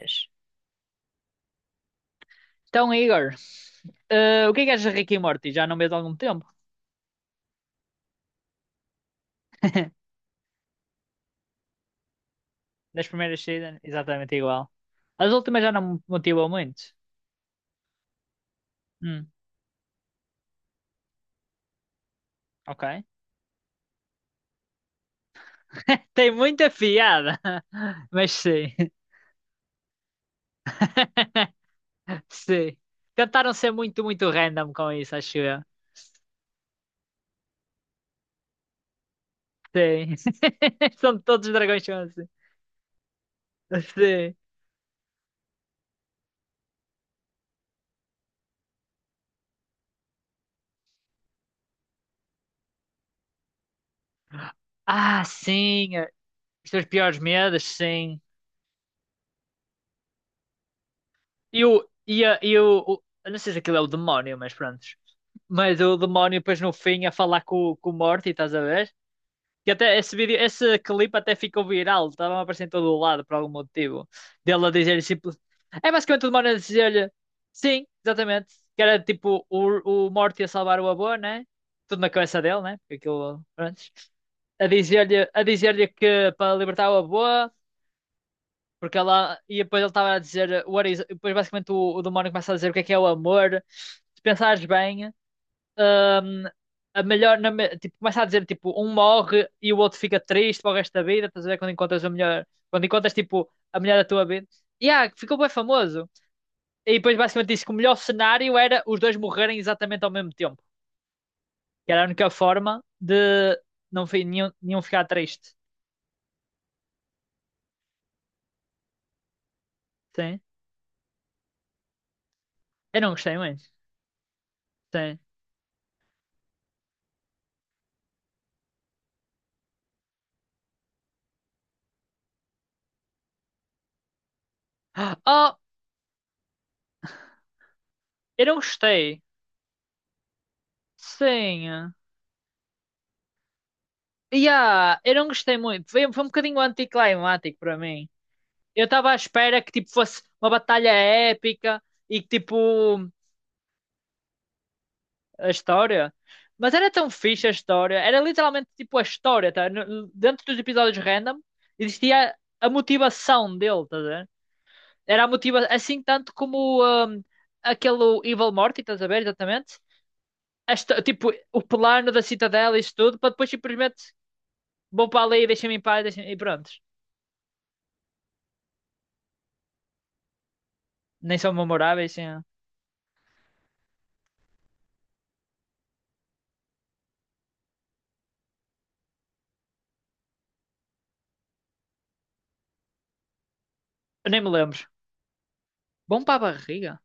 Yes. Então, Igor, o que é que achas de Rick e Morty? Já não vês há algum tempo? Das primeiras seasons, exatamente igual. As últimas já não me motivam muito. Hum, ok. Tem muita piada, mas sim. Sim. Tentaram ser muito, muito random com isso, acho eu. Sim. São todos os dragões são assim. Sim. Ah, sim. Os teus piores medos, sim. E o. E, a- e o- Eu não sei se aquilo é o demónio, mas pronto. Mas o demónio depois no fim a falar com o Morty, estás a ver? Que até esse vídeo, esse clipe até ficou viral, estava a aparecer em todo o lado por algum motivo. Dele a dizer simples. É basicamente o demónio a dizer-lhe, sim, exatamente. Que era tipo o Morty a salvar o avô, né? Tudo na cabeça dele, né? Porque aquilo antes. A dizer-lhe que para libertar o avô, porque ela. E depois ele estava a dizer. Depois basicamente o demónio começa a dizer o que é o amor. Se pensares bem, hum, a melhor, na me- tipo, começa a dizer, tipo, um morre e o outro fica triste para o resto da vida, estás a ver? Quando encontras, tipo, a mulher da tua vida. E ficou bem famoso. E depois basicamente disse que o melhor cenário era os dois morrerem exatamente ao mesmo tempo. Que era a única forma de não fi- nenhum, nenhum ficar triste. Sim. Eu não gostei muito. Sim. Oh, eu não gostei. Sim. Yeah, eu não gostei muito. Foi um bocadinho anticlimático para mim. Eu estava à espera que tipo fosse uma batalha épica e que tipo a história. Mas era tão fixe a história. Era literalmente tipo a história, tá? Dentro dos episódios random existia a motivação dele, tá a ver? Era a motivação, assim tanto como aquele Evil Morty, estás a ver, exatamente? Tipo, o plano da cidadela e isso tudo, para depois simplesmente vou para ali e deixa-me em paz e pronto. Nem são memoráveis, assim, eu nem me lembro. Bom para a barriga.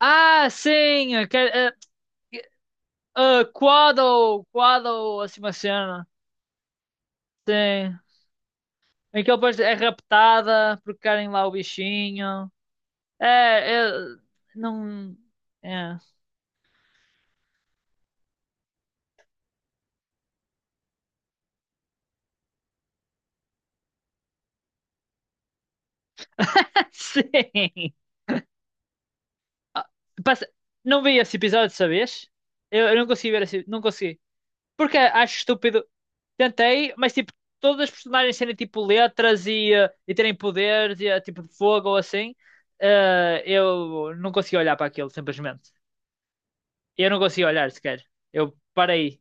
Ah, sim! Quaddle, Quaddle, assim uma cena. Sim. Em que ele depois é raptada porque querem lá o bichinho. É, não. É. Sim. Ah, passa- não vi esse episódio, sabes? Eu não consegui ver esse, não consegui. Porque acho estúpido. Tentei, mas tipo, todas as personagens terem tipo letras e terem poderes, e, tipo de fogo ou assim, eu não consegui olhar para aquilo, simplesmente. Eu não consegui olhar sequer. Eu parei,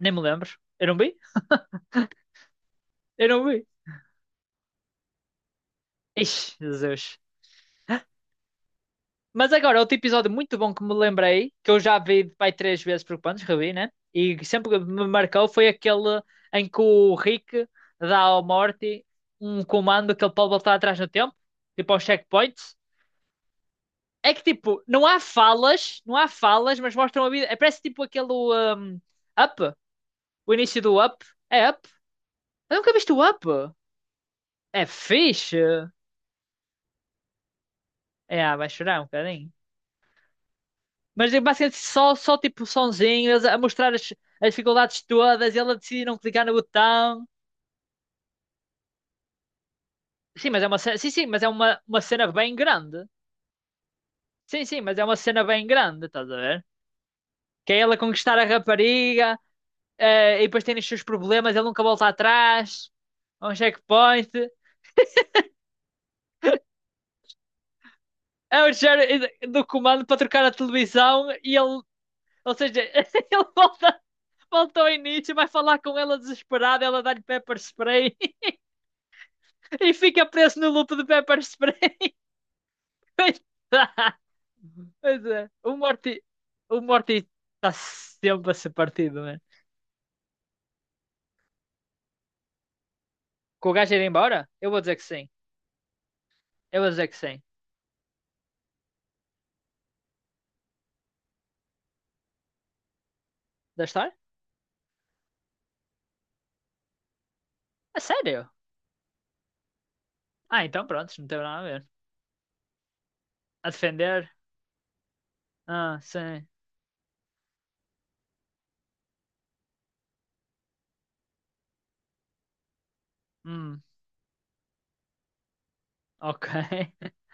nem me lembro. Eu não vi? Eu não vi. Ixi, Jesus. Mas agora, outro episódio muito bom que me lembrei, que eu já vi pai três vezes por quantos, revi, né? E que sempre que me marcou foi aquele em que o Rick dá ao Morty um comando que ele pode voltar atrás no tempo, tipo aos checkpoints. É que tipo, não há falas, não há falas, mas mostram a vida. É, parece tipo aquele um, Up, o início do Up. É Up? Eu nunca viste o Up? É fixe. É, vai chorar um bocadinho. Mas é basicamente só tipo sonzinho, eles a mostrar as dificuldades todas, e ela decide não clicar no botão. Sim, mas é uma cena, sim, sim, mas é uma cena bem grande. Sim, sim, mas é uma cena bem grande, estás a ver? Que é ela conquistar a rapariga, e depois tem os seus problemas, ele nunca volta atrás. É um checkpoint. É o Jared do comando para trocar a televisão e ele, ou seja, ele volta, ao início, vai falar com ela desesperada, ela dá-lhe pepper spray. E fica preso no loop do Pepper Spray. Pois tá. Pois é, o Morty está sempre a ser partido, né? Com o gajo ir embora? Eu vou dizer que sim. Eu vou dizer que sim. Da história? A sério? Ah, então pronto, não teve nada a ver. A defender? Ah, sim. Hum, ok.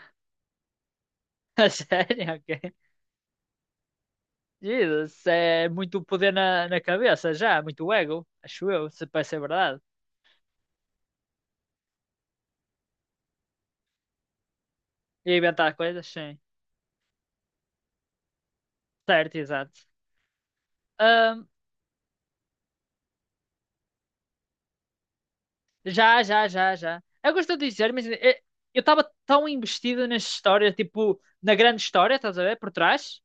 A sério, ok. Jesus, é muito poder na cabeça já, muito ego, acho eu, se parece ser verdade. E inventar coisas, sim. Certo, exato. Ahm, Já, já, já, já. Eu gosto de dizer, mas eu estava tão investido nessa história, tipo, na grande história, estás a ver, por trás,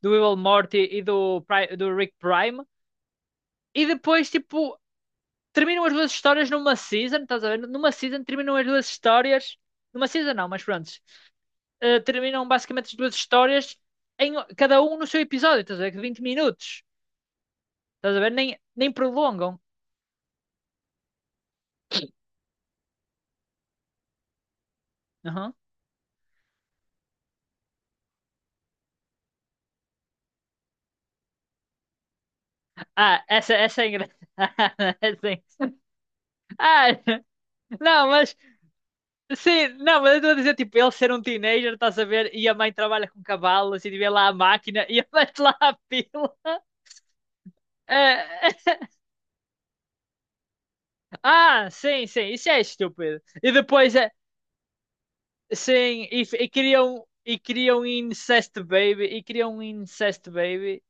do Will Morty e do Rick Prime, e depois, tipo, terminam as duas histórias numa season, estás a ver? Numa season terminam as duas histórias, numa season não, mas pronto, terminam basicamente as duas histórias, em cada um no seu episódio, estás a ver, de 20 minutos, estás a ver? Nem prolongam. Uhum. Ah, essa é engraçada. Essa é- Ah, não, mas sim, não, mas eu estou a dizer, tipo, ele ser um teenager, estás a ver? E a mãe trabalha com cavalos e vê lá a máquina e ele mete lá a pila. É, é. Ah, sim, sim, isso é estúpido. E depois, é, sim, e criam um incest baby,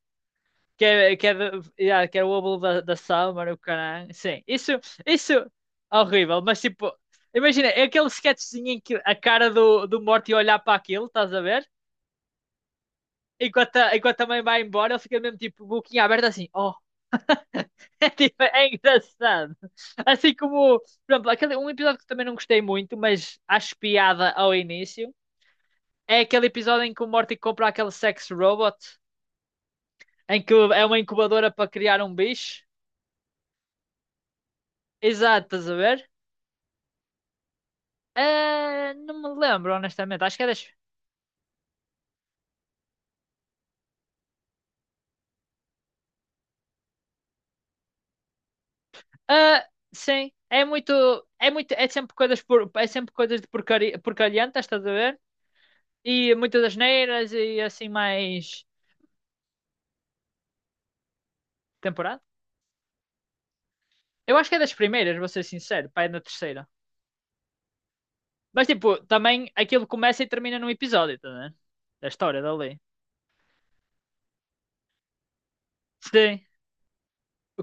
yeah, que é o óvulo da Summer, o caralho. Sim, isso é horrível, mas tipo, imagina, é aquele sketchzinho em que a cara do Morty olhar para aquilo, estás a ver? Enquanto a mãe vai embora, ele fica mesmo tipo, boquinha aberta assim, oh. É, tipo, é engraçado. Assim como, por exemplo, aquele, um episódio que também não gostei muito, mas acho piada ao início, é aquele episódio em que o Morty compra aquele sex robot, em que é uma incubadora para criar um bicho. Exato, estás a ver? Ah, não me lembro, honestamente. Acho que é das. Ah, sim, é muito. É muito. É sempre coisas de porcaria, porcalhantas, estás a ver? E muitas asneiras e assim mais temporada. Eu acho que é das primeiras, vou ser sincero, pá, é na terceira. Mas tipo, também aquilo começa e termina num episódio, tá vendo? Da história dali. Sim,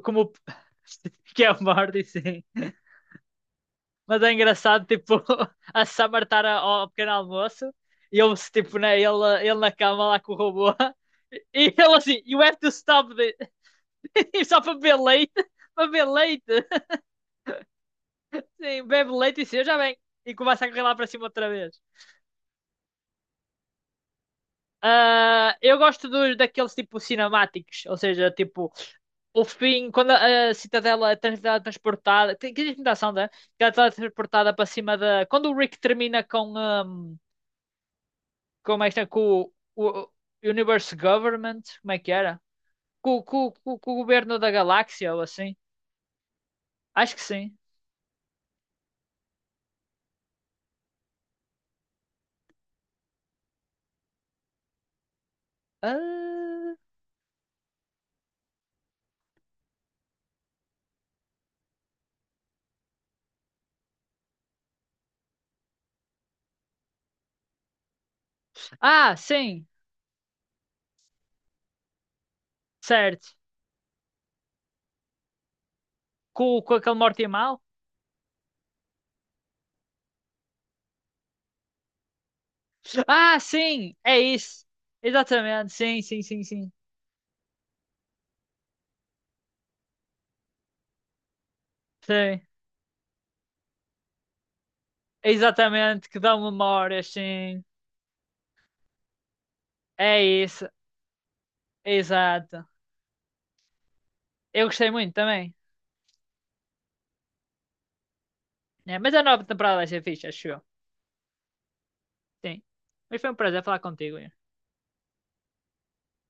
como que é o Morty, sim. Mas é engraçado, tipo, a Summer estar ao pequeno almoço e ele, tipo, né, ele na cama lá com o robô e ele assim, you have to stop this. E só para beber leite, para beber leite. Sim, bebe leite e seja bem. E começa a correr lá para cima outra vez. Ah, eu gosto dos, daqueles tipo cinemáticos, ou seja, tipo o fim, quando a Citadela é tem que tentação, né? Que ela é transportada para cima da. Quando o Rick termina com o Universe Government, como é que era? Com o governo da galáxia ou assim? Acho que sim. Ah, ah, sim, certo. Com aquele Morty mal? Ah, sim, é isso. Exatamente, sim, sim, sim, sim. Sim. Exatamente, que dão memórias, sim. É isso, exato. Eu gostei muito também. Né? Mas a nova temporada vai ser fixe, acho eu. Sim. Mas foi um prazer falar contigo. Ian.